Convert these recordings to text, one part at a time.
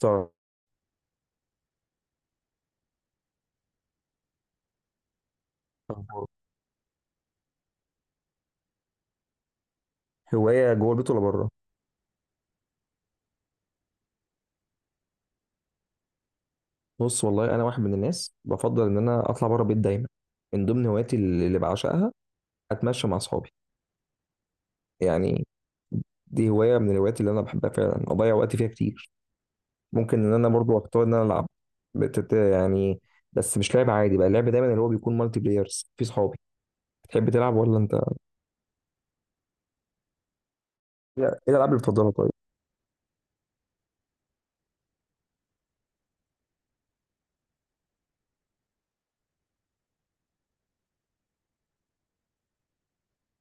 طب، هواية جوه البيت ولا بره؟ بص والله أنا واحد من الناس بفضل إن أنا أطلع بره البيت دايما. من ضمن هواياتي اللي بعشقها أتمشى مع أصحابي يعني. دي هواية من الهوايات اللي أنا بحبها فعلا، أضيع وقتي فيها كتير. ممكن إن أنا برضو أختار إن أنا ألعب. يعني بس مش لعب عادي بقى، اللعب دايما اللي هو بيكون مالتي بلايرز في صحابي. تحب تلعب ولا أنت؟ إيه الألعاب اللي بتفضلها طيب؟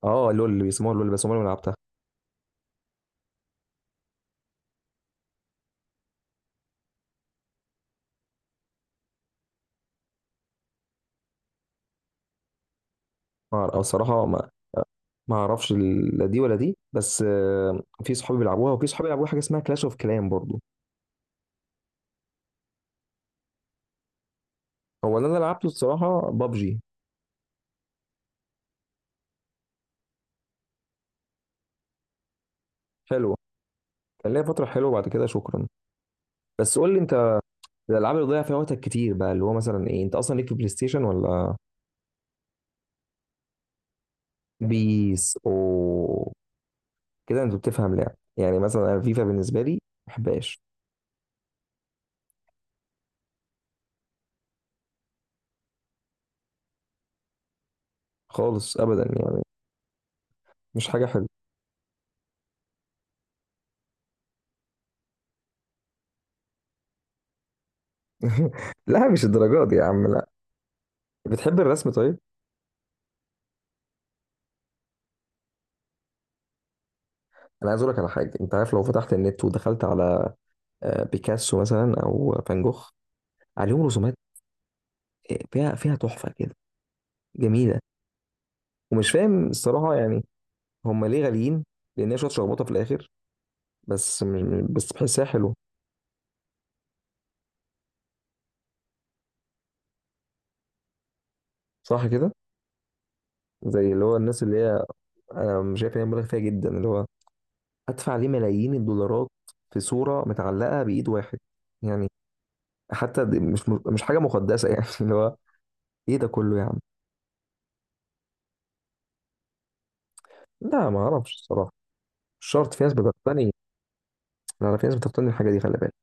أه لول، اللي بيسموها لول، بس عمري ما لعبتها. أه الصراحة ما اعرفش لا دي ولا دي، بس في صحابي بيلعبوها وفي صحابي بيلعبوا حاجه اسمها كلاش اوف كلان برضو. هو اللي انا لعبته الصراحه بابجي. حلوه، كان ليا فتره حلوه بعد كده شكرا. بس قول لي انت، الالعاب اللي ضيع فيها وقتك كتير بقى اللي هو مثلا ايه؟ انت اصلا ليك في بلاي ستيشن ولا؟ بيس او كده؟ انت بتفهم لعب يعني؟ مثلا انا فيفا بالنسبه لي ما بحبهاش خالص ابدا يعني، مش حاجه حلوه. لا، مش الدرجات دي يا عم، لا. بتحب الرسم طيب؟ انا عايز اقول لك على حاجه، انت عارف لو فتحت النت ودخلت على بيكاسو مثلا او فان جوخ، عليهم رسومات فيها تحفه كده، جميله، ومش فاهم الصراحه يعني هم ليه غاليين؟ لان هي شويه شخبطه في الاخر، بس مش، بس بحسها حلو. صح كده. زي اللي هو الناس اللي هي، انا مش شايف ان هي مبالغ فيها جدا، اللي هو ادفع ليه ملايين الدولارات في صوره متعلقه بايد واحد يعني. حتى دي مش حاجه مقدسه يعني، اللي هو ايه ده كله يا عم؟ لا ما اعرفش الصراحه، مش شرط، في ناس بتقتني. لا لا، في ناس بتقتني الحاجه دي خلي بالك.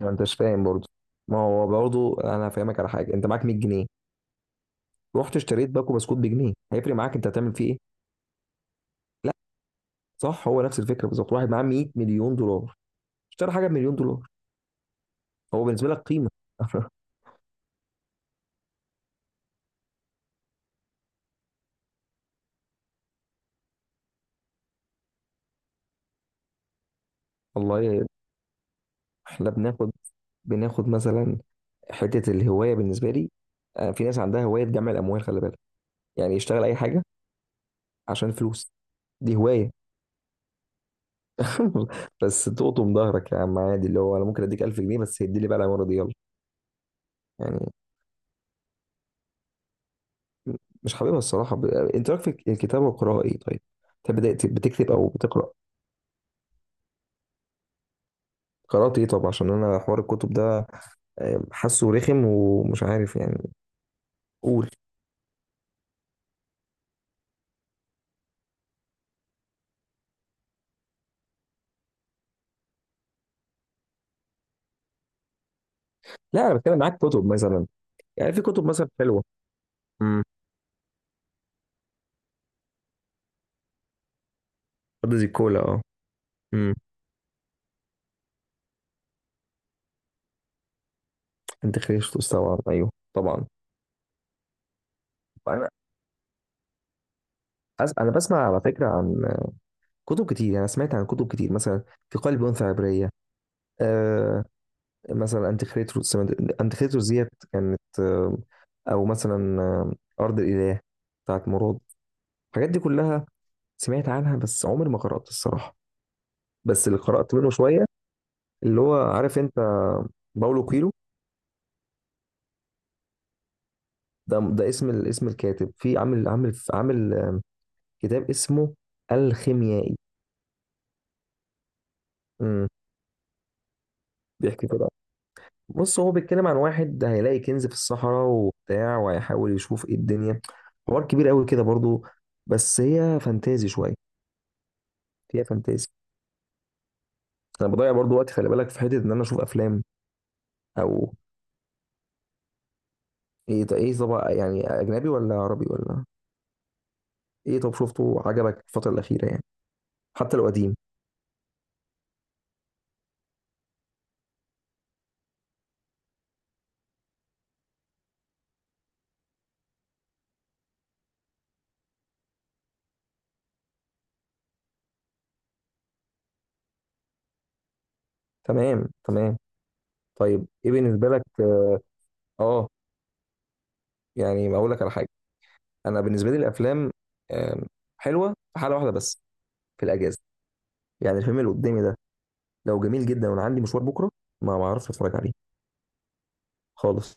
ما انتش فاهم برضه. ما هو برضه انا فاهمك على حاجه، انت معاك 100 جنيه، رحت اشتريت باكو بسكوت بجنيه، هيفرق معاك؟ انت هتعمل فيه ايه؟ لا. صح، هو نفس الفكره بالظبط. واحد معاه 100 مليون دولار اشترى حاجه بمليون دولار، هو بالنسبه لك قيمه؟ والله يا- احنا بناخد، بناخد مثلا حته الهوايه بالنسبه لي، في ناس عندها هوايه جمع الاموال خلي بالك. يعني يشتغل اي حاجه عشان فلوس. دي هوايه. بس تقطم ظهرك يا عم عادي، اللي هو انا ممكن اديك 1000 جنيه بس هدي لي بقى العماره دي يلا، يعني. مش حاببها الصراحة. انت رايك في الكتابة والقراءة ايه طيب؟ انت بدأت بتكتب او بتقرأ؟ قرأت ايه طب؟ عشان انا حوار الكتب ده حاسه رخم ومش عارف يعني. قول. لا انا بتكلم معاك كتب مثلا، يعني في كتب مثلا حلوة. امم. أرض زي الكولا، اه. امم. انت خريج طبعا، ايوه طبعا. انا انا بسمع على فكرة عن كتب كتير يعني. انا سمعت عن كتب كتير مثلا، في قلب انثى عبرية، آه، يعني مثلا انتيخريتروس، انتيخريتروس ديت كانت، او مثلا ارض الاله بتاعت مراد، الحاجات دي كلها سمعت عنها بس عمري ما قرأت الصراحه. بس اللي قرأت منه شويه اللي هو عارف انت، باولو كويلو. ده ده اسم اسم الكاتب. في عامل كتاب اسمه الخيميائي. امم. بيحكي كده، بص هو بيتكلم عن واحد هيلاقي كنز في الصحراء وبتاع، وهيحاول يشوف ايه الدنيا. حوار كبير قوي كده برضو. بس هي فانتازي شويه، فيها فانتازي. انا بضيع برضو وقت خلي بالك في حته ان انا اشوف افلام. او ايه طب؟ ايه طب يعني، اجنبي ولا عربي ولا؟ ايه طب شفته عجبك الفتره الاخيره يعني؟ حتى لو قديم. تمام تمام. طيب ايه بالنسبه لك؟ اه. يعني اقول لك على حاجه، انا بالنسبه لي الافلام آم، حلوه في حاله واحده بس، في الاجازه. يعني الفيلم اللي قدامي ده لو جميل جدا وانا عندي مشوار بكره، ما اعرفش اتفرج عليه خالص.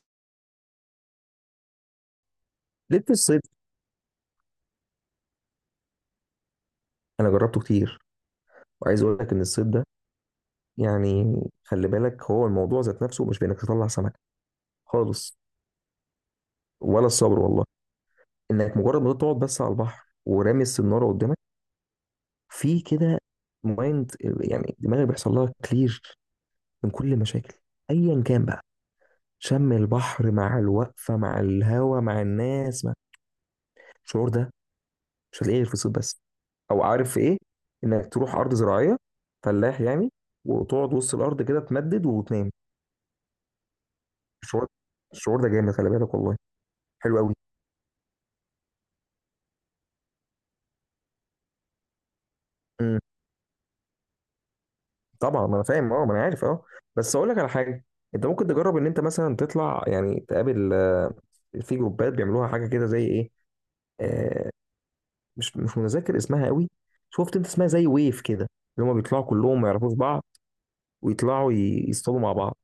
ليه في الصيد؟ انا جربته كتير وعايز اقول لك ان الصيد ده يعني، خلي بالك، هو الموضوع ذات نفسه مش بانك تطلع سمك خالص، ولا الصبر والله. انك مجرد ما تقعد بس على البحر ورامي السناره قدامك، في كده مايند يعني، دماغك بيحصل لها كلير من كل المشاكل ايا كان بقى. شم البحر مع الوقفه مع الهوا مع الناس مع، الشعور ده مش هتلاقيه غير في الصيف بس. او عارف في ايه؟ انك تروح ارض زراعيه، فلاح يعني، وتقعد وسط الارض كده تمدد وتنام. الشعور، الشعور ده جامد خلي بالك والله، حلو قوي. طبعا ما انا فاهم اه، ما انا عارف اه. بس اقول لك على حاجه، انت ممكن تجرب ان انت مثلا تطلع يعني تقابل، في جروبات بيعملوها حاجه كده زي ايه، آه مش متذكر اسمها قوي. شفت انت اسمها زي ويف كده، اللي هم بيطلعوا كلهم ما يعرفوش بعض ويطلعوا يصطادوا مع بعض.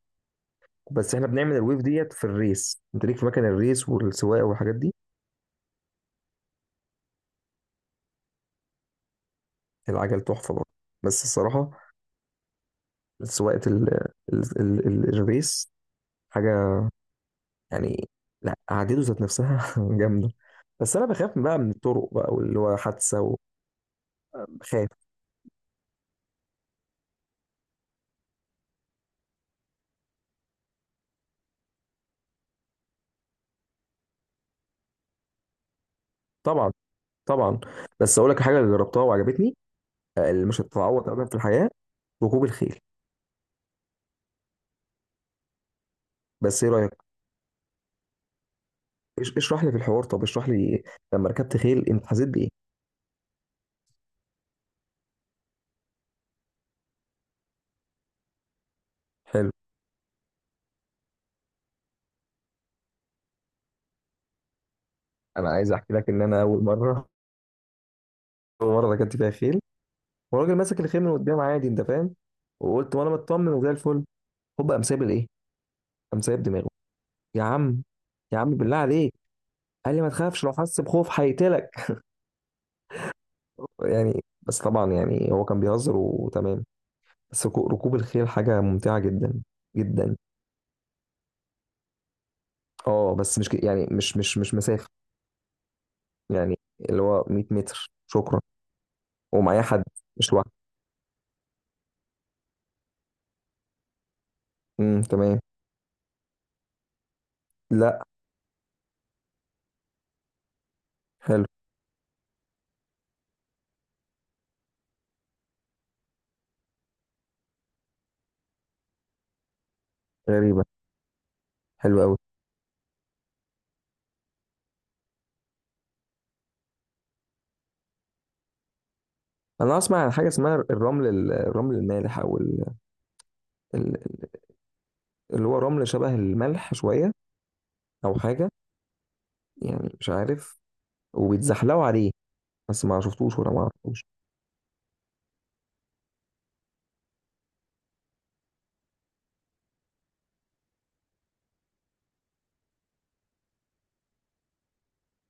بس احنا بنعمل الويف ديت في الريس، انت ليك في مكان الريس والسواقه والحاجات دي؟ العجل تحفه برضه، بس الصراحه سواقه ال الريس حاجه يعني، لا قعدته ذات نفسها جامده. بس انا بخاف بقى من الطرق بقى واللي هو حادثه وبخاف. طبعا طبعا. بس اقول لك حاجه اللي جربتها وعجبتني اللي مش هتتعوض ابدا في الحياه، ركوب الخيل. بس ايه رايك؟ اشرح لي في الحوار طب، اشرح لي لما ركبت خيل انت حسيت بايه. حلو. انا عايز احكي لك ان انا اول مره، اول مره ركبت فيها خيل والراجل ماسك الخيل من قدام عادي، انت فاهم، وقلت وانا مطمن وزي الفل، هوب قام سايب الايه، قام سايب دماغه. يا عم، يا عم بالله عليك. قال لي ما تخافش لو حس بخوف هيقتلك. يعني بس طبعا يعني هو كان بيهزر وتمام. بس ركوب الخيل حاجة ممتعة جدا جدا. اه بس مش يعني مش مسافة، يعني اللي هو 100 متر شكرا، ومعايا حد مش لوحدي. تمام. لا. حلو. غريبة، حلو قوي. انا اسمع عن حاجة اسمها الرمل الرمل المالح او ال- اللي هو رمل شبه الملح شوية او حاجة يعني، مش عارف، وبيتزحلقوا عليه. بس ما شفتوش ولا ما عرفتوش.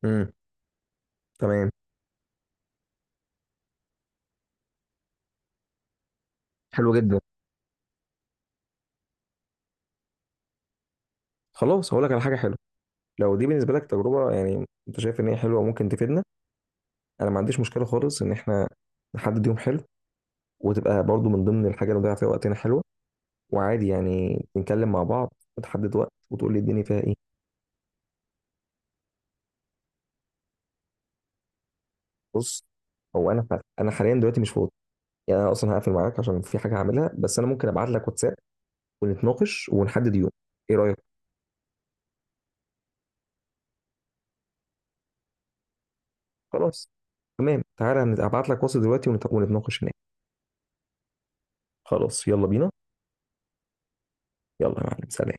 امم تمام. حلو جدا. خلاص هقول لك على حاجه حلوه، لو دي بالنسبه لك تجربه يعني انت شايف ان هي حلوه وممكن تفيدنا. انا ما عنديش مشكله خالص ان احنا نحدد يوم حلو، وتبقى برضو من ضمن الحاجه اللي نضيع فيها وقتنا حلوه. وعادي يعني نتكلم مع بعض وتحدد وقت وتقول لي الدنيا فيها ايه. بص، هو انا فعلا، انا حاليا دلوقتي مش فاضي، يعني انا اصلا هقفل معاك عشان في حاجه هعملها. بس انا ممكن ابعت لك واتساب ونتناقش ونحدد يوم، ايه رايك؟ خلاص تمام، تعالى هبعت لك واتس دلوقتي ونتناقش هناك. خلاص يلا بينا. يلا يا معلم، سلام.